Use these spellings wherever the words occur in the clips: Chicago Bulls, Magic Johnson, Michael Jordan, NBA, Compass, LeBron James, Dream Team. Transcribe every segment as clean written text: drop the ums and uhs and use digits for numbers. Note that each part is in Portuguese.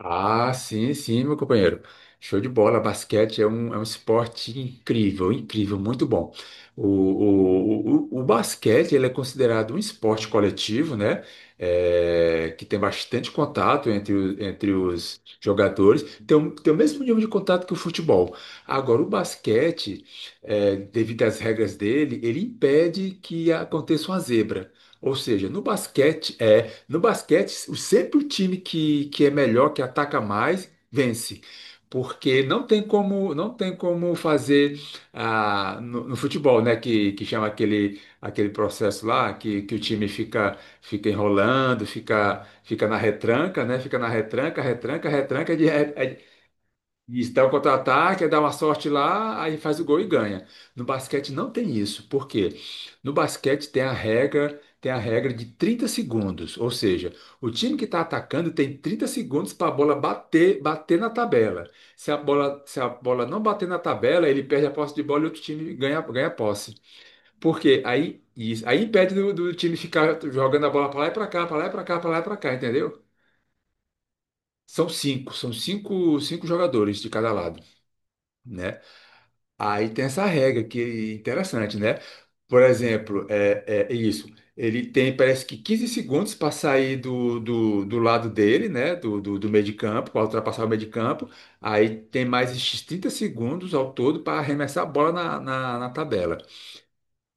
Ah, sim, sim, meu companheiro. Show de bola. Basquete é um esporte incrível, incrível, muito bom. O basquete ele é considerado um esporte coletivo, né? É, que tem bastante contato entre, entre os jogadores. Tem o mesmo nível de contato que o futebol. Agora, o basquete, devido às regras dele, ele impede que aconteça uma zebra. Ou seja, no basquete, sempre o time que é melhor, que ataca mais, vence. Porque não tem como fazer no futebol, né? Que chama aquele processo lá, que o time fica enrolando, fica na retranca, né? Fica na retranca, retranca, retranca, de, isso, dá o contra-ataque, aí dá uma sorte lá, aí faz o gol e ganha. No basquete não tem isso. Por quê? No basquete tem a regra de 30 segundos, ou seja, o time que está atacando tem 30 segundos para a bola bater na tabela. Se a bola não bater na tabela, ele perde a posse de bola e outro time ganha a posse. Porque Aí, isso, aí impede do time ficar jogando a bola para lá e para cá, para lá e para cá, para lá e para cá, entendeu? Cinco jogadores de cada lado, né? Aí tem essa regra que é interessante, né? Por exemplo, é isso. Ele tem, parece que 15 segundos para sair do lado dele, né? Do meio de campo, para ultrapassar o meio de campo. Aí tem mais esses 30 segundos ao todo para arremessar a bola na tabela.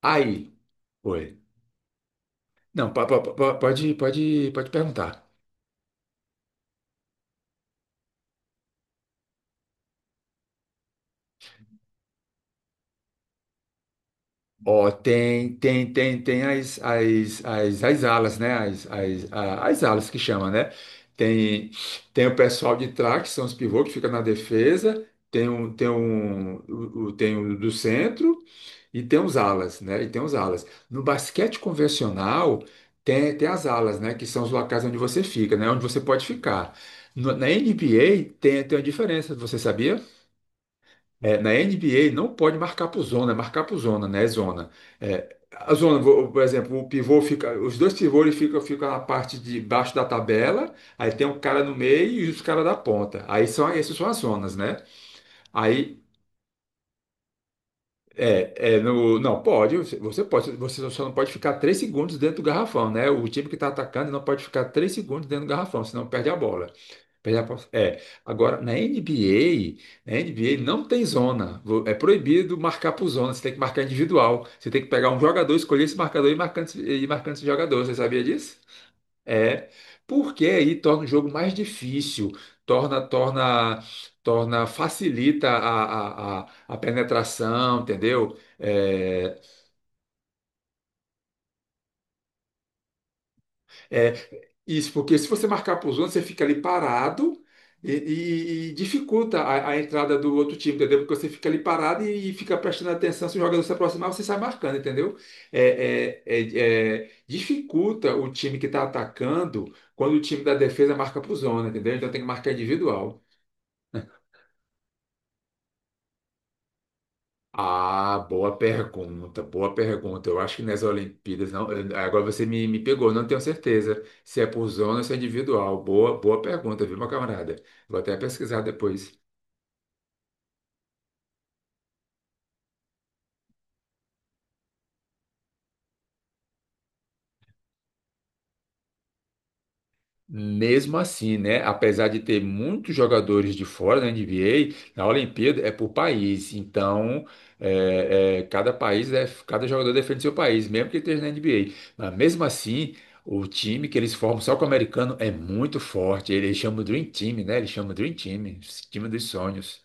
Aí, oi. Não, pode perguntar. Ó, tem as alas, né? As alas que chama, né? Tem, Tem o pessoal de trás, que são os pivôs que fica na defesa, tem o do centro e tem os alas, né? E tem os alas. No basquete convencional, tem as alas, né? Que são os locais onde você fica, né? Onde você pode ficar. Na NBA tem uma diferença, você sabia? É, na NBA não pode marcar por zona, é marcar por zona, né? É zona. É, a zona, por exemplo, os dois pivôs eles ficam na parte de baixo da tabela, aí tem um cara no meio e os caras da ponta. Essas são as zonas, né? Aí não pode, você só não pode ficar 3 segundos dentro do garrafão, né? O time que está atacando não pode ficar 3 segundos dentro do garrafão, senão perde a bola. É, agora na NBA, na NBA não tem zona. É proibido marcar por zona, você tem que marcar individual. Você tem que pegar um jogador, escolher esse marcador e marcando, e marcando esse jogador. Você sabia disso? É, porque aí torna o jogo mais difícil, torna, torna, torna, facilita a penetração, entendeu? É, Isso, porque se você marcar por zona, você fica ali parado e, e dificulta a entrada do outro time, entendeu? Porque você fica ali parado e fica prestando atenção. Se o jogador se aproximar, você sai marcando, entendeu? Dificulta o time que está atacando quando o time da defesa marca por zona, entendeu? Então tem que marcar individual. Ah, boa pergunta, boa pergunta. Eu acho que nas Olimpíadas, não, agora você me pegou, não tenho certeza se é por zona ou se é individual. Boa pergunta, viu, meu camarada? Vou até pesquisar depois. Mesmo assim, né, apesar de ter muitos jogadores de fora da NBA, na Olimpíada é por país. Então, cada país cada jogador defende seu país, mesmo que ele esteja na NBA. Mas mesmo assim, o time que eles formam só com o americano é muito forte. Eles chamam Dream Team, né? Eles chamam Dream Team, time dos sonhos.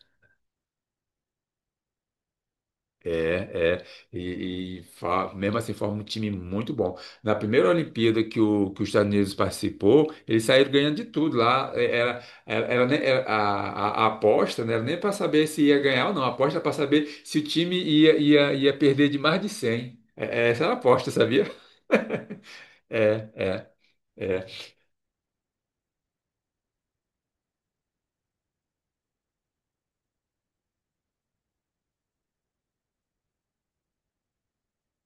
É, é, mesmo assim forma um time muito bom. Na primeira Olimpíada que os Estados Unidos participou, eles saíram ganhando de tudo lá. É, Era, era, era nem- era- a- A aposta não era nem para saber se ia ganhar ou não, a aposta era para saber se o time ia perder de mais de 100. Essa era a aposta, sabia? É, é, é,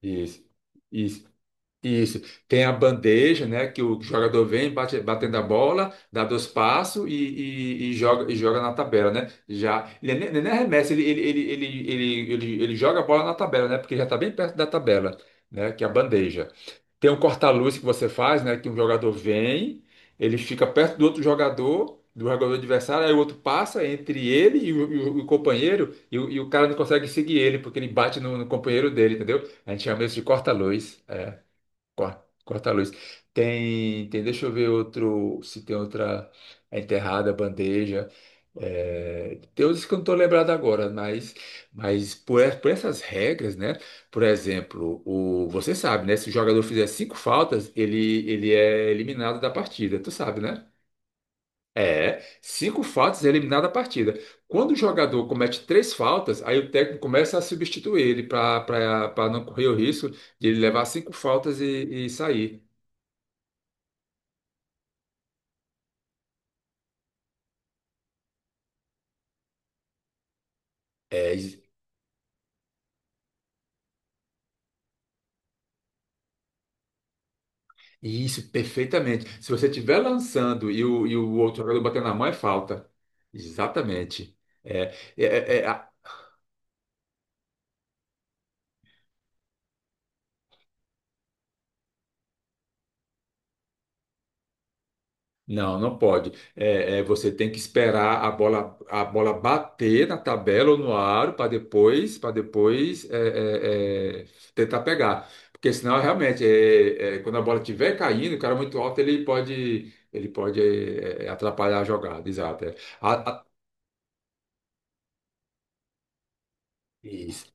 isso, isso. Isso. Tem a bandeja, né? Que o jogador vem batendo a bola, dá dois passos e, e joga, na tabela, né? Já. Ele nem arremessa, ele joga a bola na tabela, né? Porque já está bem perto da tabela, né? Que é a bandeja. Tem um corta-luz que você faz, né? Que um jogador vem, ele fica perto do outro jogador, do jogador adversário, aí o outro passa entre ele e o companheiro, e o cara não consegue seguir ele, porque ele bate no companheiro dele, entendeu? A gente chama isso de corta-luz. Corta, corta a luz. Tem, deixa eu ver outro, se tem outra é enterrada, bandeja. É, tem outros que eu não estou lembrado agora, mas, por essas regras, né? Por exemplo, você sabe, né? Se o jogador fizer cinco faltas, ele é eliminado da partida. Tu sabe, né? É, cinco faltas é eliminado da partida. Quando o jogador comete três faltas, aí o técnico começa a substituir ele para não correr o risco de ele levar cinco faltas e sair. É is- isso, perfeitamente. Se você estiver lançando e o outro jogador bater na mão, é falta. Exatamente. É, é, é, é, a- não, não pode. Você tem que esperar a bola bater na tabela ou no aro para depois, tentar pegar. Porque senão, realmente, quando a bola estiver caindo, o cara muito alto, ele pode atrapalhar a jogada. Exato. É. A- a- isso.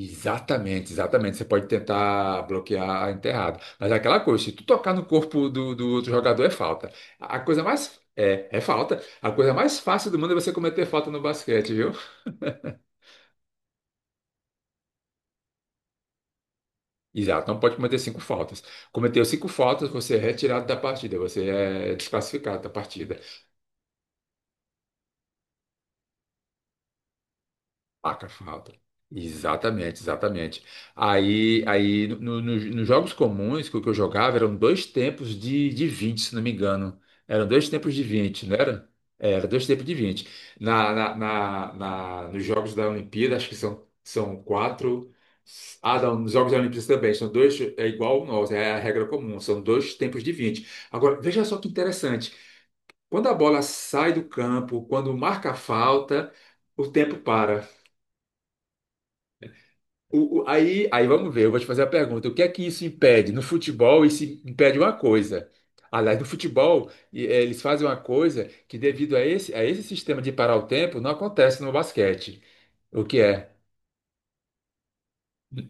Exatamente, exatamente. Você pode tentar bloquear a enterrada. Mas é aquela coisa, se tu tocar no corpo do outro jogador é falta. A coisa mais é falta. A coisa mais fácil do mundo é você cometer falta no basquete, viu? Exato, não pode cometer cinco faltas. Cometeu cinco faltas, você é retirado da partida, você é desclassificado da partida. Paca falta. Exatamente, exatamente. Aí, aí no- no- no- Nos jogos comuns que eu jogava eram dois tempos de 20, se não me engano. Eram dois tempos de 20, não era? É, era dois tempos de 20. Nos jogos da Olimpíada, acho que são quatro. Ah, não, nos jogos da Olimpíada também, são dois, é igual o nosso, é a regra comum, são dois tempos de 20. Agora, veja só que interessante. Quando a bola sai do campo, quando marca a falta, o tempo para. Aí vamos ver, eu vou te fazer a pergunta: o que é que isso impede? No futebol, isso impede uma coisa. Aliás, no futebol, eles fazem uma coisa que, devido a esse, sistema de parar o tempo, não acontece no basquete. O que é?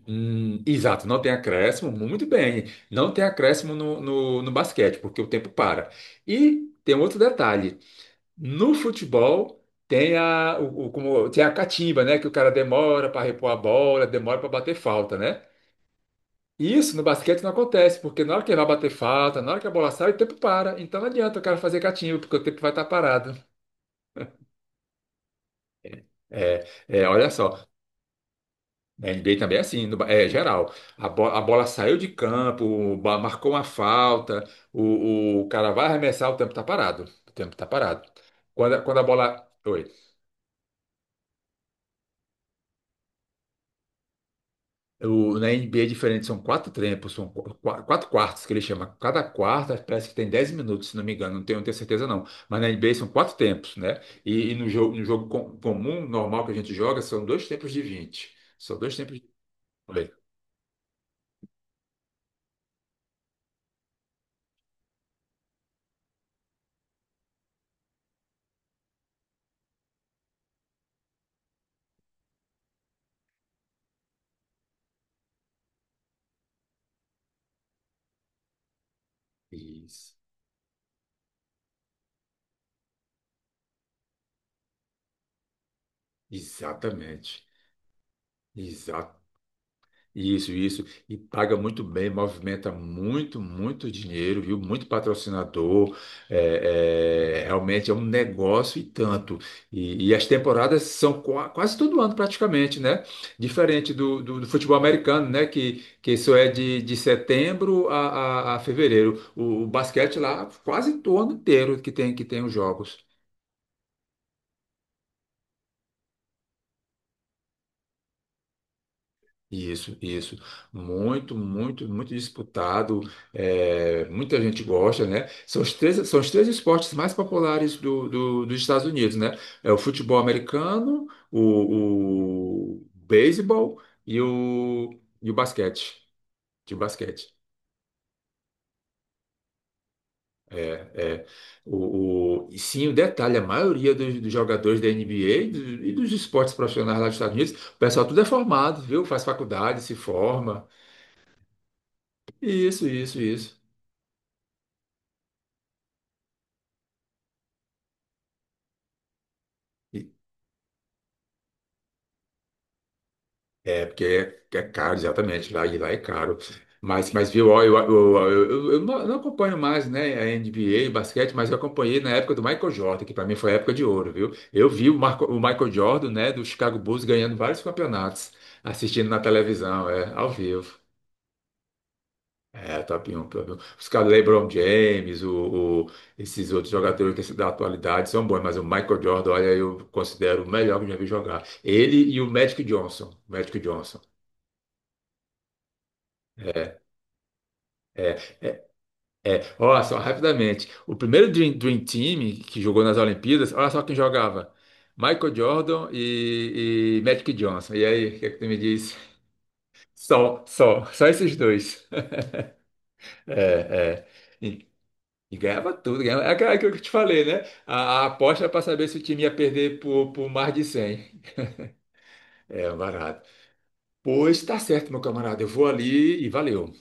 Exato, não tem acréscimo, muito bem. Não tem acréscimo no basquete, porque o tempo para. E tem um outro detalhe: no futebol. Tem a, o- Como, tem a catimba, né? Que o cara demora para repor a bola, demora para bater falta, né? Isso no basquete não acontece, porque na hora que vai bater falta, na hora que a bola sai, o tempo para. Então não adianta o cara fazer catimba, porque o tempo vai estar parado. Olha só, na NBA também é assim, no ba- é geral. A a bola saiu de campo, marcou uma falta, o cara vai arremessar, o tempo está parado. O tempo está parado. Quando, quando a bola. Oi. O, na NBA é diferente, são quatro tempos, quatro quartos que ele chama. Cada quarta parece que tem 10 minutos, se não me engano, não tenho certeza não. Mas na NBA são quatro tempos, né? E no jogo, comum, normal que a gente joga, são dois tempos de 20. São dois tempos de 20. Isso. Exatamente. Isso, isso. E paga muito bem, movimenta muito, muito dinheiro, viu? Muito patrocinador. Realmente é um negócio e tanto. E as temporadas são quase todo ano, praticamente, né? Diferente do futebol americano, né? Que isso é de setembro a fevereiro. O basquete lá, quase todo ano inteiro que tem os jogos. Isso, isso. Muito, muito, muito disputado. É, muita gente gosta, né? São os três esportes mais populares dos Estados Unidos, né? É o futebol americano, o beisebol e e o basquete. De basquete. É, é. E sim, o detalhe, a maioria dos jogadores da NBA e e dos esportes profissionais lá dos Estados Unidos, o pessoal tudo é formado, viu? Faz faculdade, se forma. Isso, isso, isso. É, porque é caro, exatamente, lá, e lá é caro. Mas viu, ó, eu não acompanho mais, né, a NBA, basquete, mas eu acompanhei na época do Michael Jordan, que para mim foi a época de ouro, viu? Eu vi o Michael Jordan, né, do Chicago Bulls ganhando vários campeonatos, assistindo na televisão, é, ao vivo. É, top 1, top 1. Os caras, LeBron James, esses outros jogadores que se da atualidade são bons, mas o Michael Jordan, olha, eu considero o melhor que eu já vi jogar. Ele e o Magic Johnson. Magic Johnson. É, é, é. Ó, só rapidamente. O primeiro Dream Team que jogou nas Olimpíadas, olha só quem jogava. Michael Jordan e Magic Johnson. E aí, o que é que tu me diz? Só, só, só esses dois. É, é. E, e ganhava tudo. Ganhava. É aquela que eu te falei, né? A aposta para saber se o time ia perder por mais de 100. É, um barato. Pois tá certo, meu camarada. Eu vou ali e valeu.